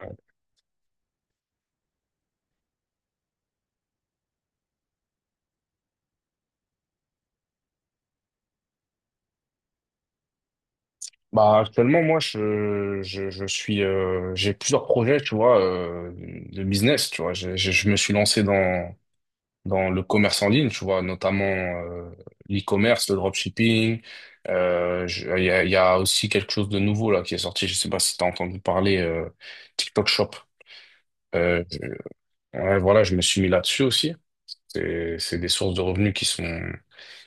Ouais. Actuellement, moi, j'ai plusieurs projets, tu vois, de business, tu vois. Je me suis lancé dans le commerce en ligne, tu vois, notamment l'e-commerce, le dropshipping. Il y a aussi quelque chose de nouveau là qui est sorti. Je sais pas si tu as entendu parler TikTok Shop. Euh, je- ouais, voilà, je me suis mis là-dessus aussi. C'est des sources de revenus qui sont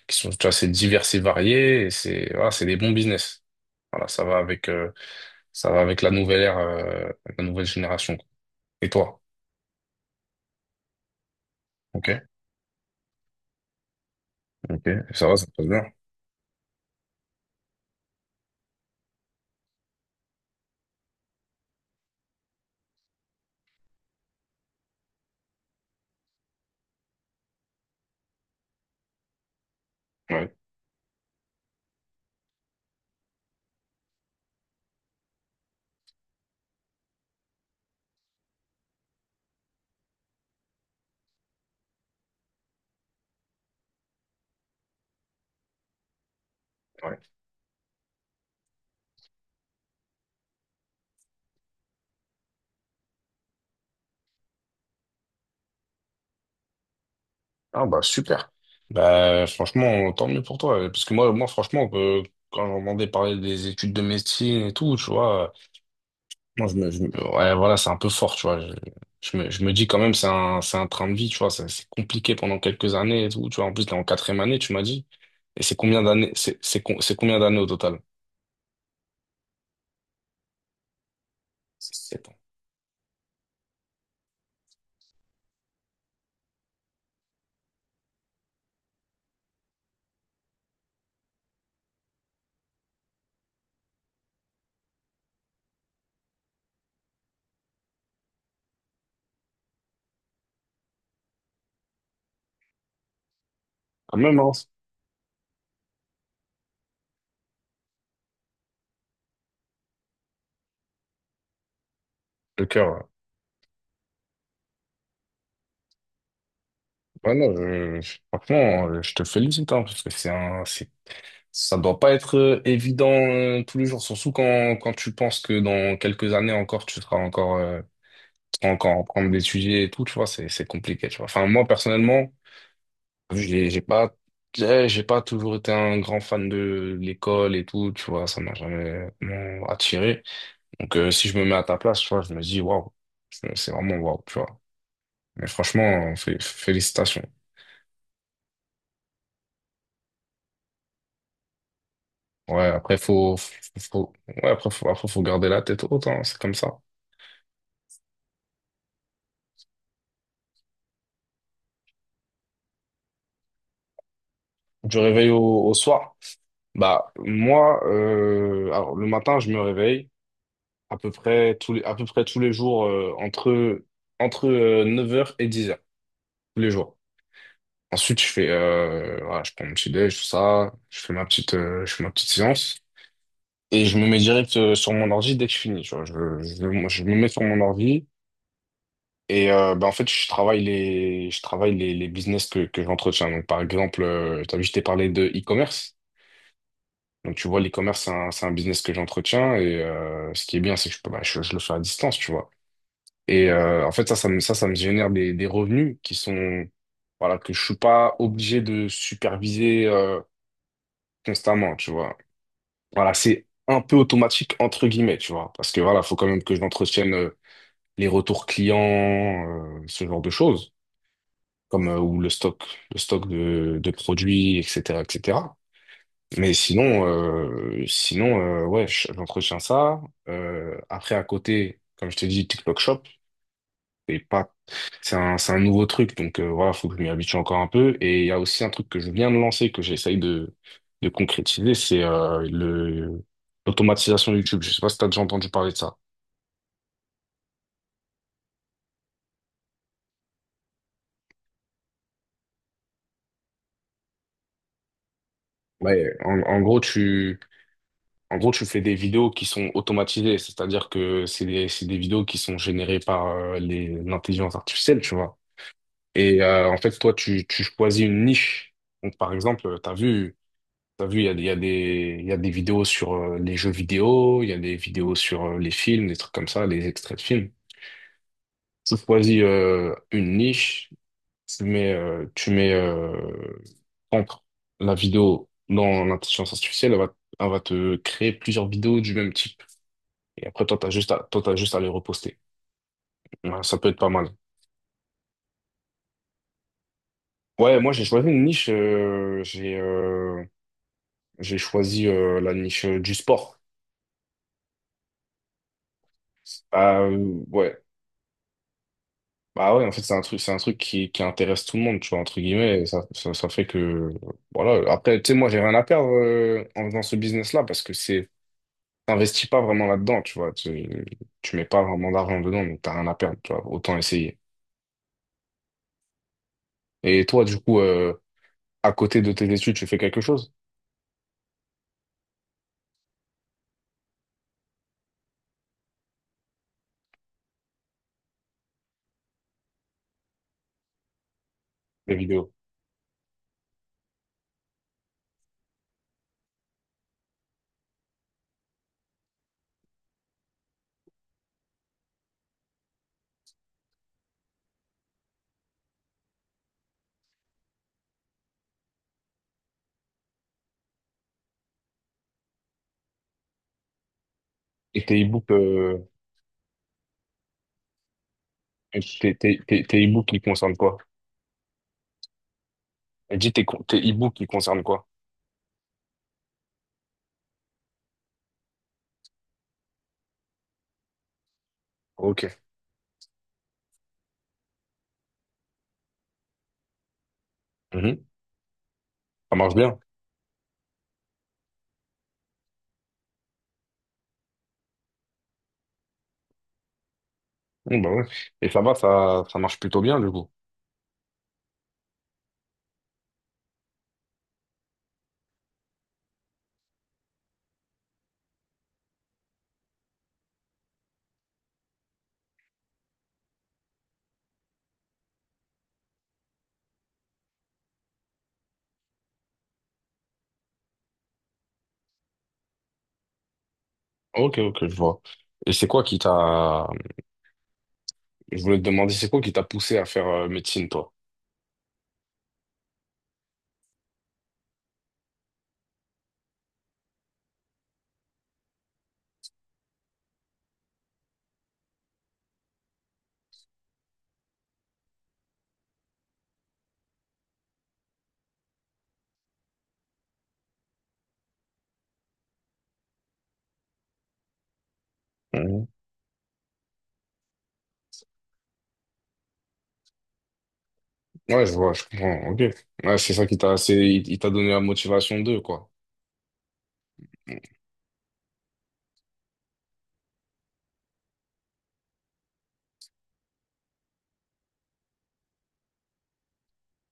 qui sont tu vois, c'est diverses et variées. C'est voilà, c'est des bons business. Voilà, ça va avec la nouvelle ère, la nouvelle génération. Quoi. Et toi? Ok, ok, ça va, ça se passe bien. Ouais, ouais. Ah bah super. Bah franchement, tant mieux pour toi. Parce que moi, moi franchement, quand j'entendais parler des études de médecine et tout, tu vois, moi je me- ouais, voilà, c'est un peu fort, tu vois. Je me dis quand même, c'est un train de vie, tu vois. C'est compliqué pendant quelques années et tout, tu vois. En plus, t'es en quatrième année, tu m'as dit. Et c'est combien d'années, c'est combien d'années au total? C'est sept ans. Ah même, hein, le cœur. Voilà, je, Franchement, je te félicite, hein, parce que c'est un, c'est ça, doit pas être évident tous les jours, surtout quand tu penses que dans quelques années encore, tu seras encore, tu seras encore en prendre des sujets et tout, tu vois, c'est compliqué, tu vois. Enfin, moi, personnellement, j'ai, j'ai pas, j'ai pas toujours été un grand fan de l'école et tout, tu vois, ça m'a jamais vraiment attiré. Donc, si je me mets à ta place, tu vois, je me dis, waouh, c'est vraiment waouh, tu vois. Mais franchement, félicitations. Ouais, après, faut- faut garder la tête haute, hein, c'est comme ça. Du réveil au, au soir. Bah, moi, alors, le matin, je me réveille à peu près tous les jours entre, entre neuf heures et dix heures tous les jours. Ensuite, je fais, voilà, je prends mon petit déj, tout ça, je fais ma petite séance et je me mets direct sur mon ordi dès que je finis. Tu vois. Moi, je me mets sur mon ordi et bah, en fait, je travaille les business que j'entretiens. Donc, par exemple, tu as vu, je t'ai parlé de e-commerce. Donc, tu vois, l'e-commerce, c'est un business que j'entretiens et ce qui est bien, c'est que je peux, bah, je le fais à distance, tu vois. Et en fait, ça me génère des revenus qui sont, voilà, que je suis pas obligé de superviser constamment, tu vois. Voilà, c'est un peu automatique, entre guillemets, tu vois. Parce que voilà, faut quand même que j'entretienne les retours clients, ce genre de choses, comme ou le stock de produits, etc., etc. Mais sinon, ouais, j'entretiens ça. Après, à côté, comme je t'ai dit, TikTok Shop, c'est pas, c'est un nouveau truc, donc voilà, faut que je m'y habitue encore un peu. Et il y a aussi un truc que je viens de lancer, que j'essaye de concrétiser, c'est le l'automatisation YouTube. Je sais pas si t'as déjà entendu parler de ça. Ouais, en gros, tu fais des vidéos qui sont automatisées, c'est-à-dire que c'est des vidéos qui sont générées par l'intelligence artificielle, tu vois. Et en fait, toi, tu choisis une niche. Donc, par exemple, t'as vu, il y a des vidéos sur les jeux vidéo, il y a des vidéos sur les films, des trucs comme ça, les extraits de films. Tu choisis une niche, tu mets entre la vidéo dans l'intelligence artificielle, elle va te créer plusieurs vidéos du même type. Et après, toi, t'as juste à les reposter. Ouais, ça peut être pas mal. Ouais, moi, j'ai choisi une niche. J'ai choisi la niche du sport. Ah euh, ouais. Bah ouais, en fait, c'est un truc qui intéresse tout le monde, tu vois, entre guillemets. Et ça fait que, voilà. Après, tu sais, moi, j'ai rien à perdre en faisant ce business-là parce que c'est, t'investis pas vraiment là-dedans, tu vois. Tu mets pas vraiment d'argent dedans, donc t'as rien à perdre, tu vois. Autant essayer. Et toi, du coup, à côté de tes études, tu fais quelque chose, des vidéos. Et tes e-books, tes e-books, ils concernent quoi? Dis tes e-books, ils concernent quoi? Ok. Ça marche bien. Mmh, bah ouais. Et ça va, ça marche plutôt bien, du coup. Ok, je vois. Et c'est quoi qui t'a… Je voulais te demander, c'est quoi qui t'a poussé à faire médecine, toi? Mmh. Ouais, je vois, je comprends. Ok. Ouais, c'est ça qui t'a… C'est… Il t'a donné la motivation d'eux, quoi.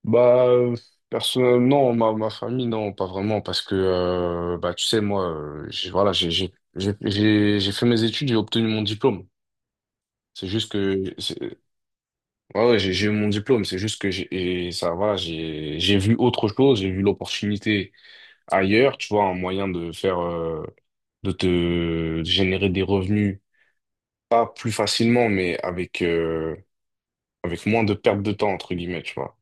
Bah, personnellement, non, ma famille, non, pas vraiment, parce que, bah, tu sais, moi, j'ai, voilà, j'ai fait mes études, j'ai obtenu mon diplôme. C'est juste que, c'est- Ouais, j'ai eu mon diplôme, c'est juste que j'ai, et ça va, j'ai vu autre chose, j'ai vu l'opportunité ailleurs, tu vois, un moyen de faire, de te de générer des revenus, pas plus facilement, mais avec, avec moins de perte de temps, entre guillemets, tu vois.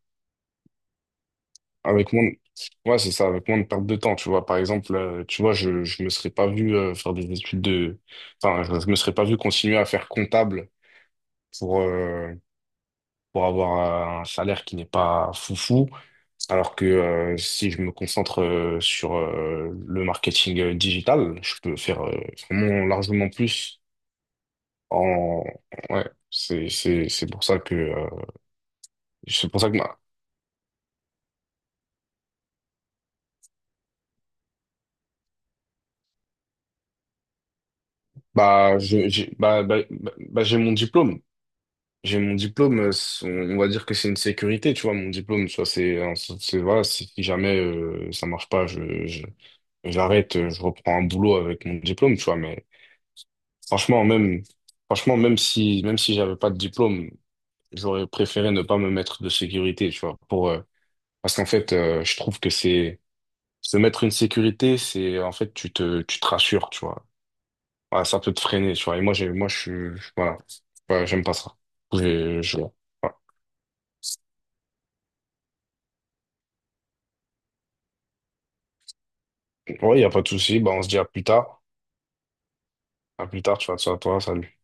Avec moins, de- ouais, c'est ça, avec moins de perte de temps, tu vois. Par exemple, tu vois, je me serais pas vu, faire des études de, enfin, je me serais pas vu continuer à faire comptable pour, euh, pour avoir un salaire qui n'est pas foufou. Alors que si je me concentre sur le marketing digital, je peux faire vraiment largement plus en ouais, c'est pour ça que bah, bah je- j'ai bah, bah, bah, bah, j'ai mon diplôme. J'ai mon diplôme, on va dire que c'est une sécurité, tu vois, mon diplôme, tu vois, c'est voilà, si si jamais ça marche pas, j'arrête, je reprends un boulot avec mon diplôme, tu vois, mais franchement, franchement, même si j'avais pas de diplôme, j'aurais préféré ne pas me mettre de sécurité, tu vois, pour, parce qu'en fait, je trouve que c'est, se mettre une sécurité, c'est, en fait, tu te rassures, tu vois. Voilà, ça peut te freiner, tu vois. Et moi, je suis, voilà, ouais, j'aime pas ça. Voilà. Ouais, y a pas de souci. Bah, on se dit à plus tard. À plus tard, tu vois, ça à toi, salut.